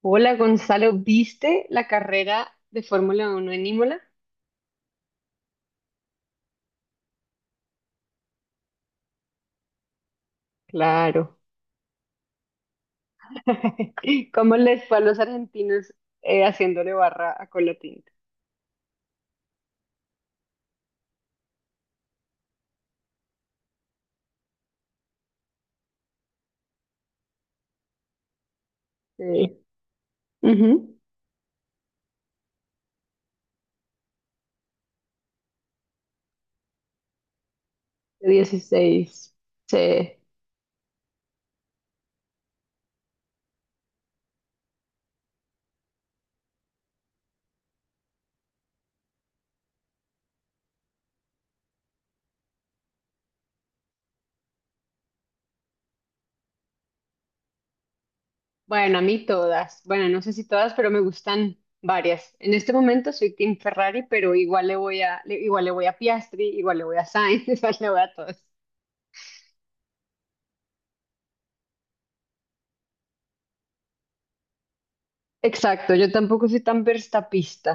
Hola Gonzalo, ¿viste la carrera de Fórmula Uno en Imola? Claro. ¿Cómo les fue a los argentinos haciéndole barra a Colatinta? Sí. Ujú. De 16. Sí. Bueno, a mí todas. Bueno, no sé si todas, pero me gustan varias. En este momento soy Team Ferrari, pero igual le voy a, le- igual le voy a Piastri, igual le voy a Sainz, igual le voy a todos. Exacto, yo tampoco soy tan verstapista.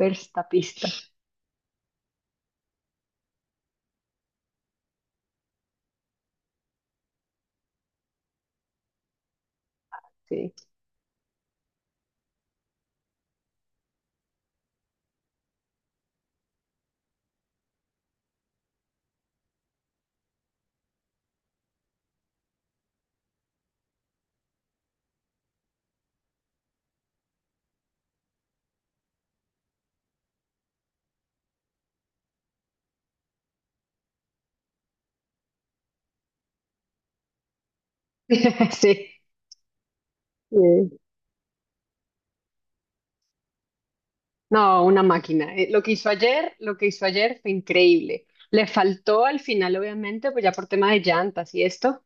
Verstapista, sí. Sí. Sí. No, una máquina. Lo que hizo ayer, lo que hizo ayer fue increíble. Le faltó al final, obviamente, pues ya por tema de llantas y esto,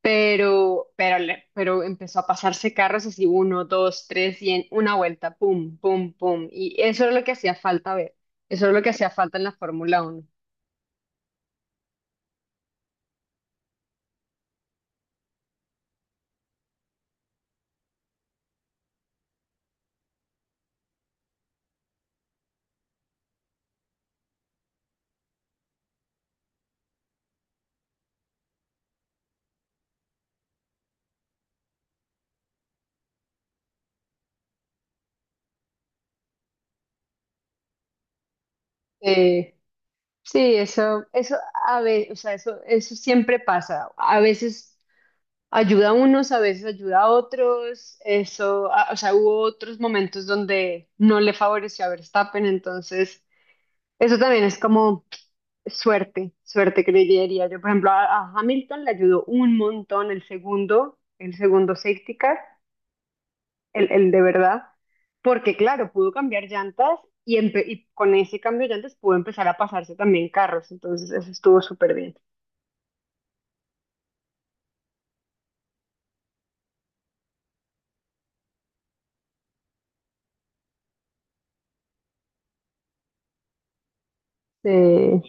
pero, pero empezó a pasarse carros así uno, dos, tres y en una vuelta, pum, pum, pum. Y eso es lo que hacía falta ver. Eso es lo que hacía falta en la Fórmula Uno. Eh, sí, eso a veces, o sea, eso siempre pasa. A veces ayuda a unos, a veces ayuda a otros. Eso, o sea, hubo otros momentos donde no le favoreció a Verstappen, entonces eso también es como suerte, suerte que le diría yo. Por ejemplo, a Hamilton le ayudó un montón el segundo safety car, el de verdad, porque claro, pudo cambiar llantas y con ese cambio de llantas pudo empezar a pasarse también carros, entonces eso estuvo súper bien.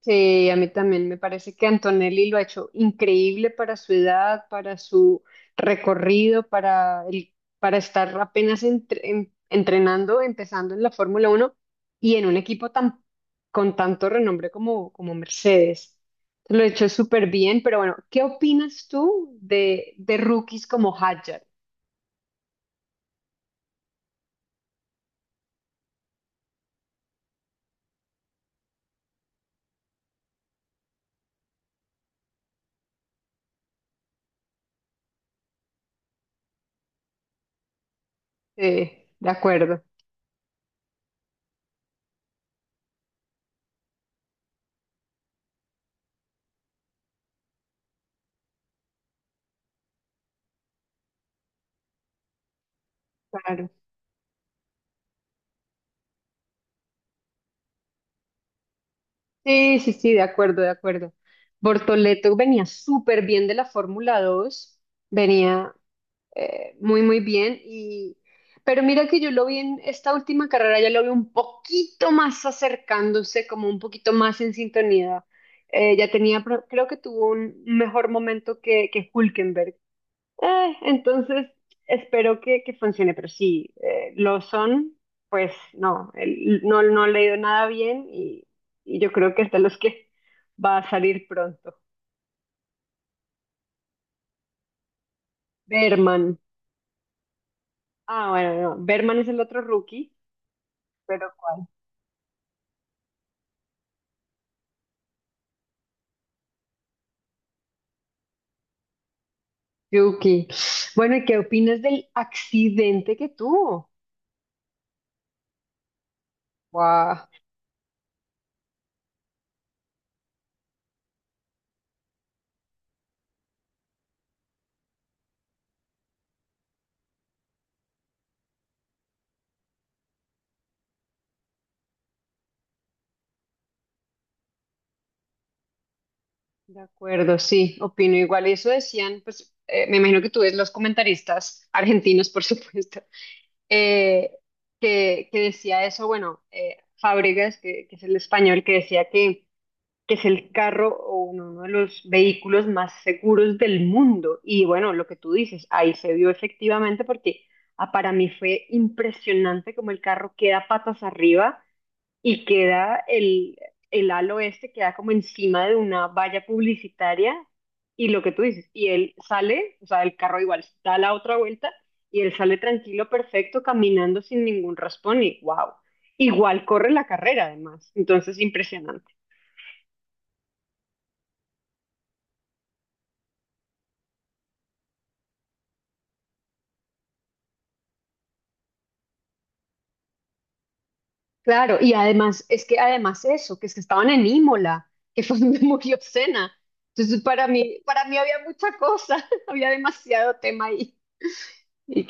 Sí, a mí también me parece que Antonelli lo ha hecho increíble para su edad, para su recorrido, para estar apenas entrenando, empezando en la Fórmula Uno y en un equipo tan, con tanto renombre como, como Mercedes. Lo ha hecho súper bien, pero bueno, ¿qué opinas tú de rookies como Hadjar? Sí, de acuerdo, claro. Sí, sí, sí, de acuerdo, de acuerdo. Bortoleto venía súper bien de la Fórmula 2, venía muy, muy bien. Y... Pero mira que yo lo vi en esta última carrera, ya lo vi un poquito más acercándose, como un poquito más en sintonía. Ya tenía, creo que tuvo un mejor momento que Hülkenberg. Entonces, espero que funcione, pero sí, lo son, pues no, no, no he leído nada bien y yo creo que es de los que va a salir pronto. Berman. Ah, bueno, no, Berman es el otro rookie, pero ¿cuál? Yuki. Bueno, ¿y qué opinas del accidente que tuvo? Guau. De acuerdo, sí, opino igual. Y eso decían, pues me imagino que tú ves los comentaristas argentinos, por supuesto. eh, que decía eso, bueno, Fábregas, que es el español, que decía que es el carro o uno, uno de los vehículos más seguros del mundo. Y bueno, lo que tú dices, ahí se vio efectivamente porque ah, para mí fue impresionante como el carro queda patas arriba y queda el halo este, queda como encima de una valla publicitaria y lo que tú dices, y él sale, o sea, el carro igual da la otra vuelta y él sale tranquilo, perfecto, caminando sin ningún raspón y wow. Igual corre la carrera además, entonces impresionante. Claro, y además, es que además eso, que es que estaban en Imola, que fue donde murió Senna. Entonces, para mí había mucha cosa, había demasiado tema ahí. Y,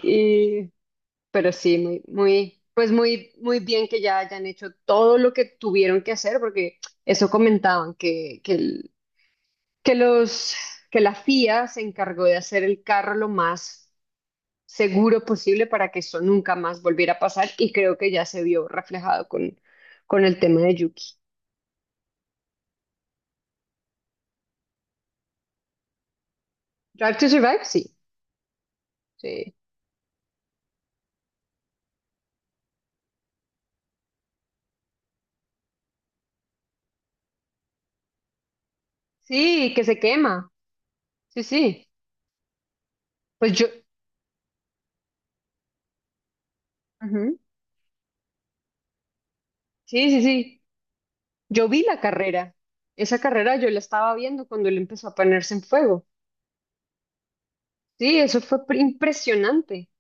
y Pero sí, muy, muy, pues muy, muy bien que ya hayan hecho todo lo que tuvieron que hacer, porque eso comentaban, que los, que la FIA se encargó de hacer el carro lo más seguro posible para que eso nunca más volviera a pasar, y creo que ya se vio reflejado con el tema de Yuki. Drive to Survive, sí, sí, sí, que se quema, sí, sí, pues yo, ujú, sí, sí, sí. Yo vi la carrera, esa carrera yo la estaba viendo cuando él empezó a ponerse en fuego. Sí, eso fue impresionante.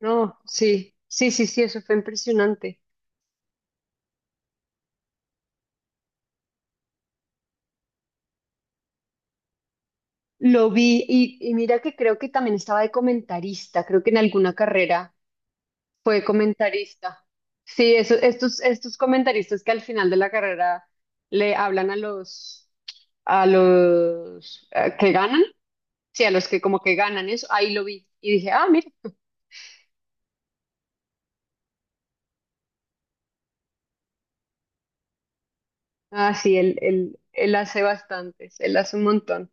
No, sí, sí, sí, sí, eso fue impresionante. Lo vi y mira que creo que también estaba de comentarista, creo que en alguna carrera fue comentarista. Sí, eso, estos, estos comentaristas que al final de la carrera le hablan a los que ganan, sí, a los que como que ganan eso, ahí lo vi y dije, ah, mira. Ah, sí, él hace bastantes, él hace un montón.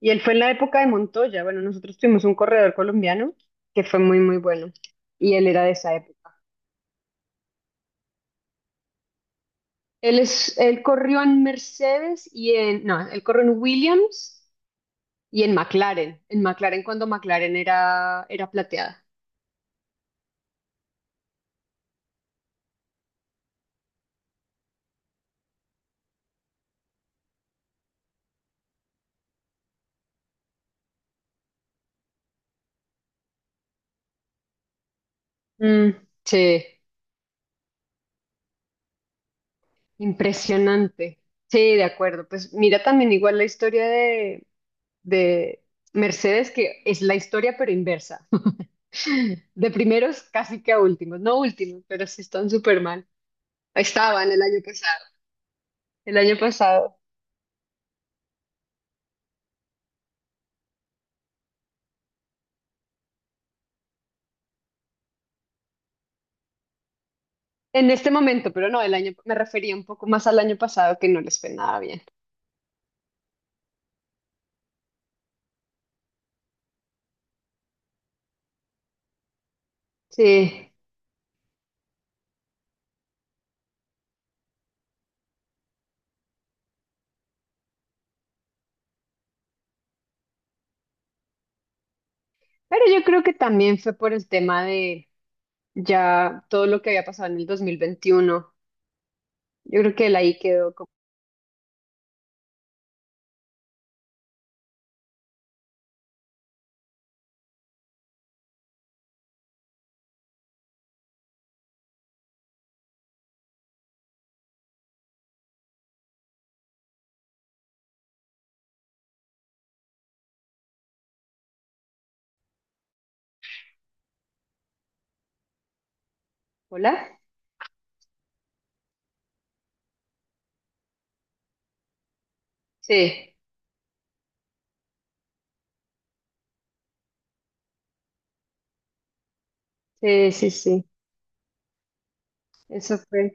Y él fue en la época de Montoya. Bueno, nosotros tuvimos un corredor colombiano que fue muy, muy bueno. Y él era de esa época. Él corrió en Mercedes y en, no, él corrió en Williams y en McLaren. En McLaren cuando McLaren era, era plateada. Mm, sí, impresionante. Sí, de acuerdo. Pues mira también igual la historia de Mercedes, que es la historia pero inversa. De primeros casi que a últimos, no últimos, pero sí están súper mal. Estaban el año pasado, en este momento, pero no, el año, me refería un poco más al año pasado que no les fue nada bien. Sí, pero yo creo que también fue por el tema de ya todo lo que había pasado en el 2021. Yo creo que él ahí quedó como, ¿hola? Sí, sí, sí, sí, eso fue.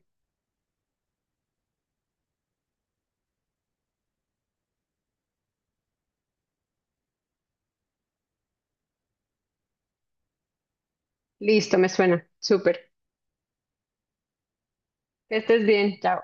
Listo, me suena, súper. Que estés bien, chao.